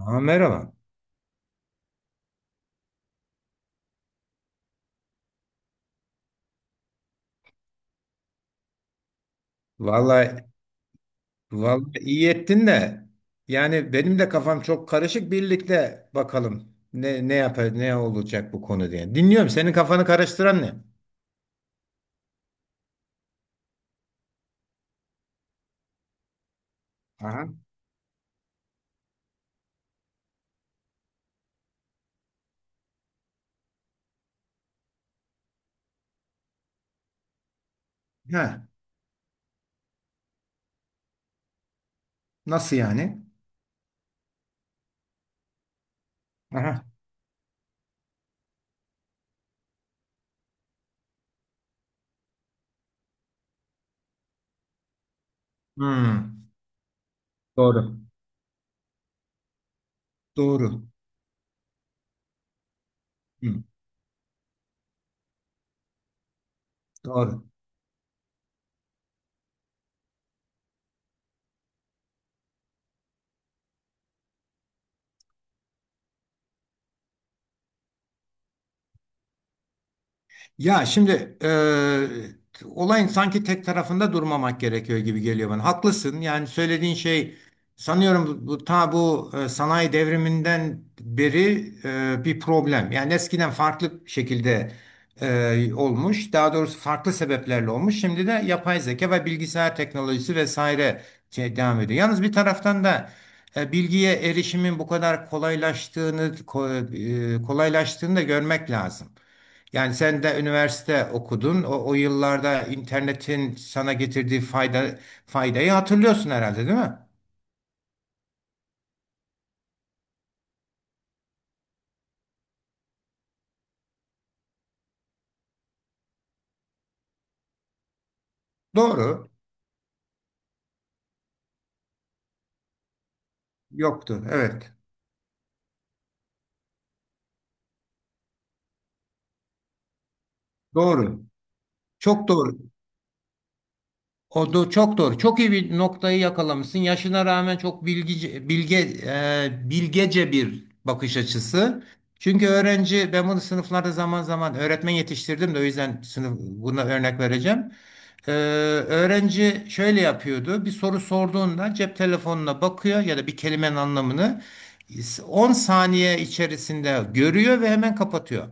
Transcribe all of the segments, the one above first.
Aa, merhaba. Vallahi, vallahi, iyi ettin de. Yani benim de kafam çok karışık. Birlikte bakalım ne yapar, ne olacak bu konu diye. Dinliyorum. Senin kafanı karıştıran ne? Aha. Ha, nasıl yani? Aha. Hmm, doğru. Doğru. Hmm, doğru. Ya şimdi olayın sanki tek tarafında durmamak gerekiyor gibi geliyor bana. Haklısın. Yani söylediğin şey sanıyorum bu, ta bu sanayi devriminden beri bir problem. Yani eskiden farklı şekilde olmuş. Daha doğrusu farklı sebeplerle olmuş. Şimdi de yapay zeka ve bilgisayar teknolojisi vesaire şey devam ediyor. Yalnız bir taraftan da bilgiye erişimin bu kadar kolaylaştığını kolaylaştığını da görmek lazım. Yani sen de üniversite okudun. O yıllarda internetin sana getirdiği faydayı hatırlıyorsun herhalde, değil mi? Doğru. Yoktu. Evet. Doğru. Çok doğru. O da çok doğru. Çok iyi bir noktayı yakalamışsın. Yaşına rağmen çok bilgece bir bakış açısı. Çünkü öğrenci, ben bunu sınıflarda zaman zaman öğretmen yetiştirdim de o yüzden sınıf buna örnek vereceğim. Ee, Öğrenci şöyle yapıyordu. Bir soru sorduğunda cep telefonuna bakıyor ya da bir kelimenin anlamını 10 saniye içerisinde görüyor ve hemen kapatıyor.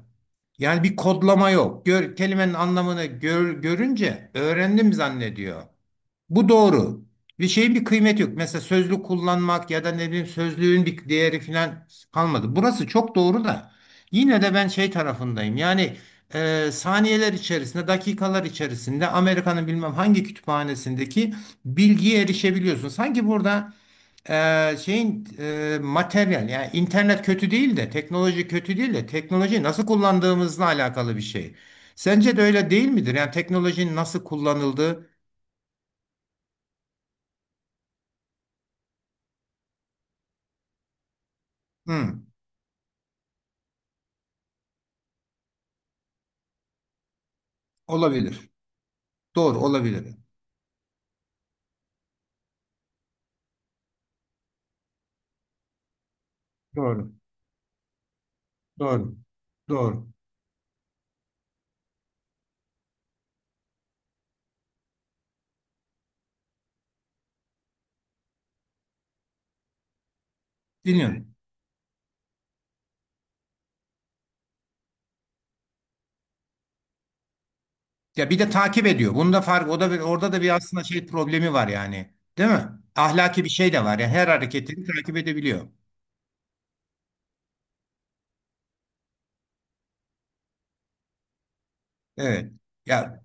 Yani bir kodlama yok. Gör, kelimenin anlamını görünce öğrendim zannediyor. Bu doğru. Bir şeyin bir kıymeti yok. Mesela sözlük kullanmak ya da ne bileyim sözlüğün bir değeri falan kalmadı. Burası çok doğru da yine de ben şey tarafındayım. Yani saniyeler içerisinde, dakikalar içerisinde Amerika'nın bilmem hangi kütüphanesindeki bilgiye erişebiliyorsun. Sanki burada materyal yani internet kötü değil de teknoloji kötü değil de teknolojiyi nasıl kullandığımızla alakalı bir şey. Sence de öyle değil midir? Yani teknolojinin nasıl kullanıldığı. Hı, olabilir. Doğru olabilir. Doğru. Doğru. Doğru. Dinliyorum. Ya bir de takip ediyor. Bunda fark o da bir, orada da bir aslında şey problemi var yani. Değil mi? Ahlaki bir şey de var. Yani her hareketini takip edebiliyor. Evet. Ya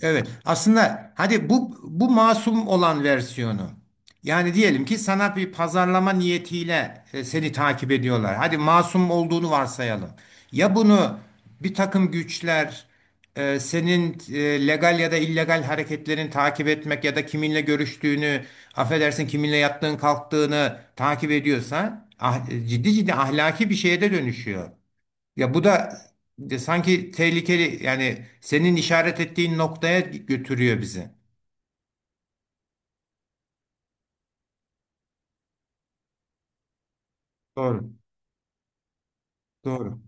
evet. Aslında hadi bu masum olan versiyonu. Yani diyelim ki sana bir pazarlama niyetiyle seni takip ediyorlar. Hadi masum olduğunu varsayalım. Ya bunu bir takım güçler senin legal ya da illegal hareketlerini takip etmek ya da kiminle görüştüğünü, affedersin kiminle yattığın kalktığını takip ediyorsa ciddi ciddi ahlaki bir şeye de dönüşüyor. Ya bu da de sanki tehlikeli yani senin işaret ettiğin noktaya götürüyor bizi. Doğru. Doğru.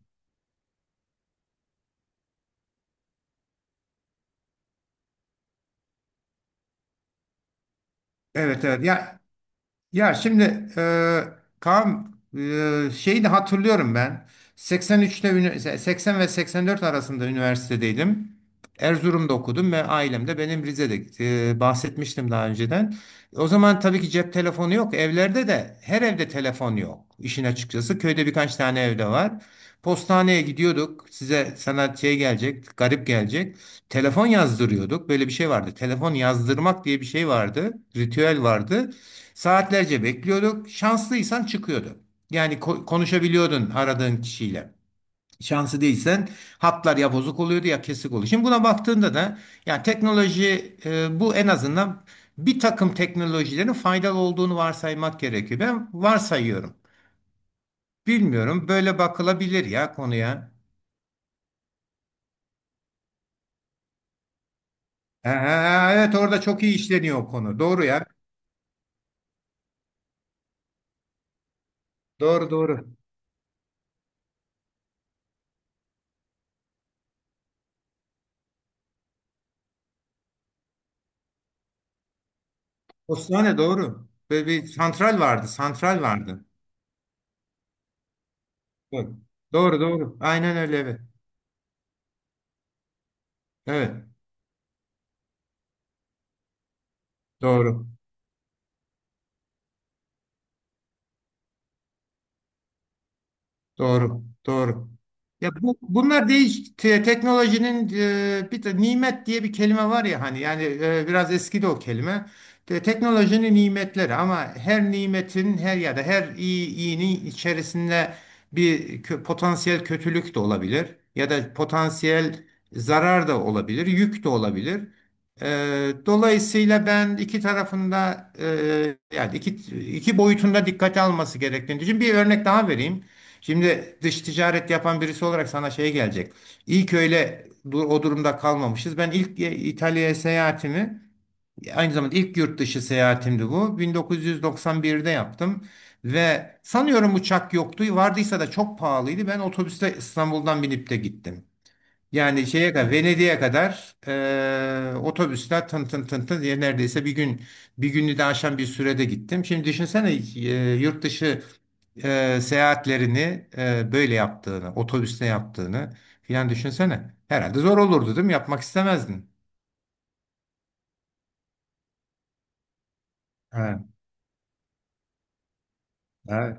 Evet, evet. Ya ya şimdi Kaan, şeyi de hatırlıyorum ben. 83'te 80 ve 84 arasında üniversitedeydim. Erzurum'da okudum ve ailem de benim Rize'de, bahsetmiştim daha önceden. O zaman tabii ki cep telefonu yok. Evlerde de her evde telefon yok. İşin açıkçası köyde birkaç tane evde var. Postaneye gidiyorduk. Sana şey gelecek, garip gelecek. Telefon yazdırıyorduk. Böyle bir şey vardı. Telefon yazdırmak diye bir şey vardı. Ritüel vardı. Saatlerce bekliyorduk. Şanslıysan çıkıyordu. Yani konuşabiliyordun aradığın kişiyle. Şansı değilsen hatlar ya bozuk oluyordu ya kesik oluyor. Şimdi buna baktığında da yani teknoloji, bu en azından bir takım teknolojilerin faydalı olduğunu varsaymak gerekiyor. Ben varsayıyorum. Bilmiyorum böyle bakılabilir ya konuya. Ha, ha, ha, evet orada çok iyi işleniyor o konu. Doğru ya. Doğru doğru. Osmaniye doğru. Böyle bir santral vardı. Santral vardı. Doğru. Doğru doğru. Aynen öyle evet. Evet, doğru. Doğru, doğru. Ya bu, bunlar teknolojinin bir de nimet diye bir kelime var ya hani yani biraz eski de o kelime. Teknolojinin nimetleri ama her nimetin her ya da her iyinin içerisinde bir potansiyel kötülük de olabilir ya da potansiyel zarar da olabilir, yük de olabilir. E, Dolayısıyla ben iki tarafında, yani iki boyutunda dikkate alması gerektiğini düşünüyorum. Bir örnek daha vereyim. Şimdi dış ticaret yapan birisi olarak sana şey gelecek. İlk öyle o durumda kalmamışız. Ben ilk İtalya'ya seyahatimi, aynı zamanda ilk yurt dışı seyahatimdi bu. 1991'de yaptım ve sanıyorum uçak yoktu. Vardıysa da çok pahalıydı. Ben otobüste İstanbul'dan binip de gittim. Yani şeye kadar Venedik'e kadar otobüsler tın tın tın tın diye neredeyse bir gün, bir günü de aşan bir sürede gittim. Şimdi düşünsene yurt dışı seyahatlerini böyle yaptığını, otobüste yaptığını filan düşünsene. Herhalde zor olurdu değil mi? Yapmak istemezdin. Evet, evet.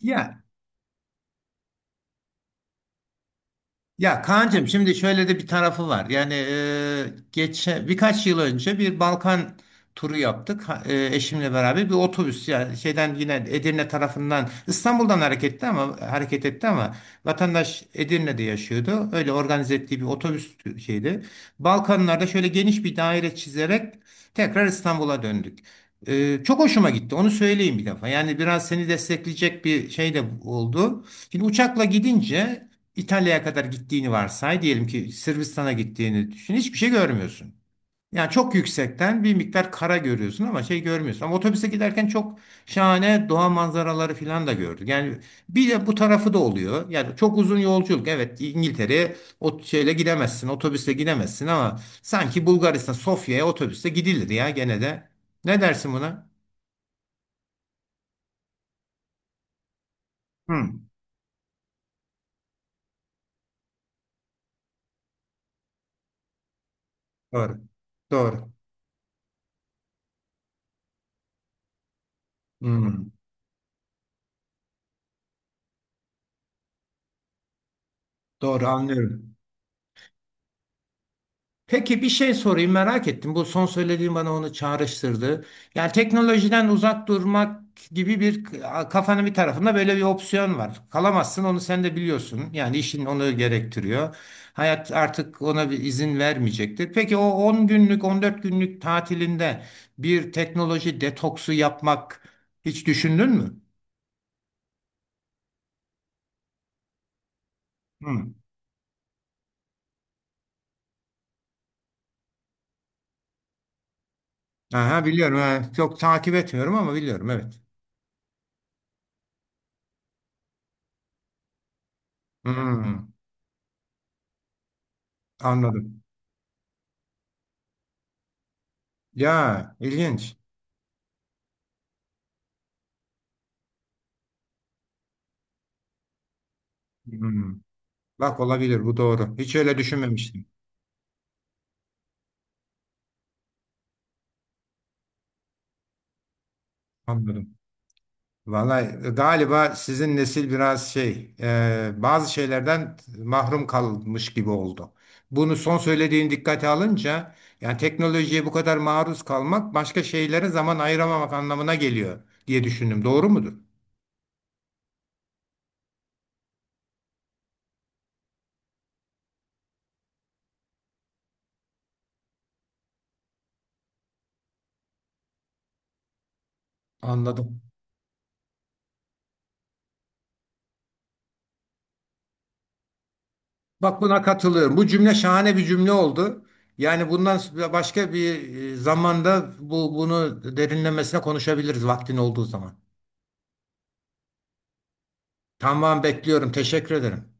Ya ya Kaan'cığım şimdi şöyle de bir tarafı var. Yani geçen birkaç yıl önce bir Balkan turu yaptık. Eşimle beraber bir otobüs yani şeyden yine Edirne tarafından İstanbul'dan hareket etti ama vatandaş Edirne'de yaşıyordu. Öyle organize ettiği bir şeydi. Balkanlarda şöyle geniş bir daire çizerek tekrar İstanbul'a döndük. Çok hoşuma gitti. Onu söyleyeyim bir defa. Yani biraz seni destekleyecek bir şey de oldu. Şimdi uçakla gidince İtalya'ya kadar gittiğini varsay, diyelim ki Sırbistan'a gittiğini düşün, hiçbir şey görmüyorsun. Yani çok yüksekten bir miktar kara görüyorsun ama şey görmüyorsun. Ama otobüse giderken çok şahane doğa manzaraları falan da gördük. Yani bir de bu tarafı da oluyor. Yani çok uzun yolculuk. Evet İngiltere'ye o şeyle gidemezsin, otobüsle gidemezsin ama sanki Bulgaristan, Sofya'ya otobüsle gidilir ya gene de. Ne dersin buna? Hmm, doğru. Doğru. Hmm, doğru anlıyorum. Peki bir şey sorayım merak ettim. Bu son söylediğin bana onu çağrıştırdı. Yani teknolojiden uzak durmak gibi bir kafanın bir tarafında böyle bir opsiyon var. Kalamazsın onu sen de biliyorsun. Yani işin onu gerektiriyor. Hayat artık ona bir izin vermeyecektir. Peki o 10 günlük 14 günlük tatilinde bir teknoloji detoksu yapmak hiç düşündün mü? Hı. Aha, biliyorum. Ha, çok takip etmiyorum ama biliyorum evet. Hı, anladım. Ya ilginç. Hı. Bak olabilir bu doğru. Hiç öyle düşünmemiştim. Anladım. Vallahi galiba sizin nesil biraz şey bazı şeylerden mahrum kalmış gibi oldu. Bunu son söylediğin dikkate alınca yani teknolojiye bu kadar maruz kalmak başka şeylere zaman ayıramamak anlamına geliyor diye düşündüm. Doğru mudur? Anladım. Bak buna katılıyorum. Bu cümle şahane bir cümle oldu. Yani bundan başka bir zamanda bunu derinlemesine konuşabiliriz vaktin olduğu zaman. Tamam bekliyorum. Teşekkür ederim.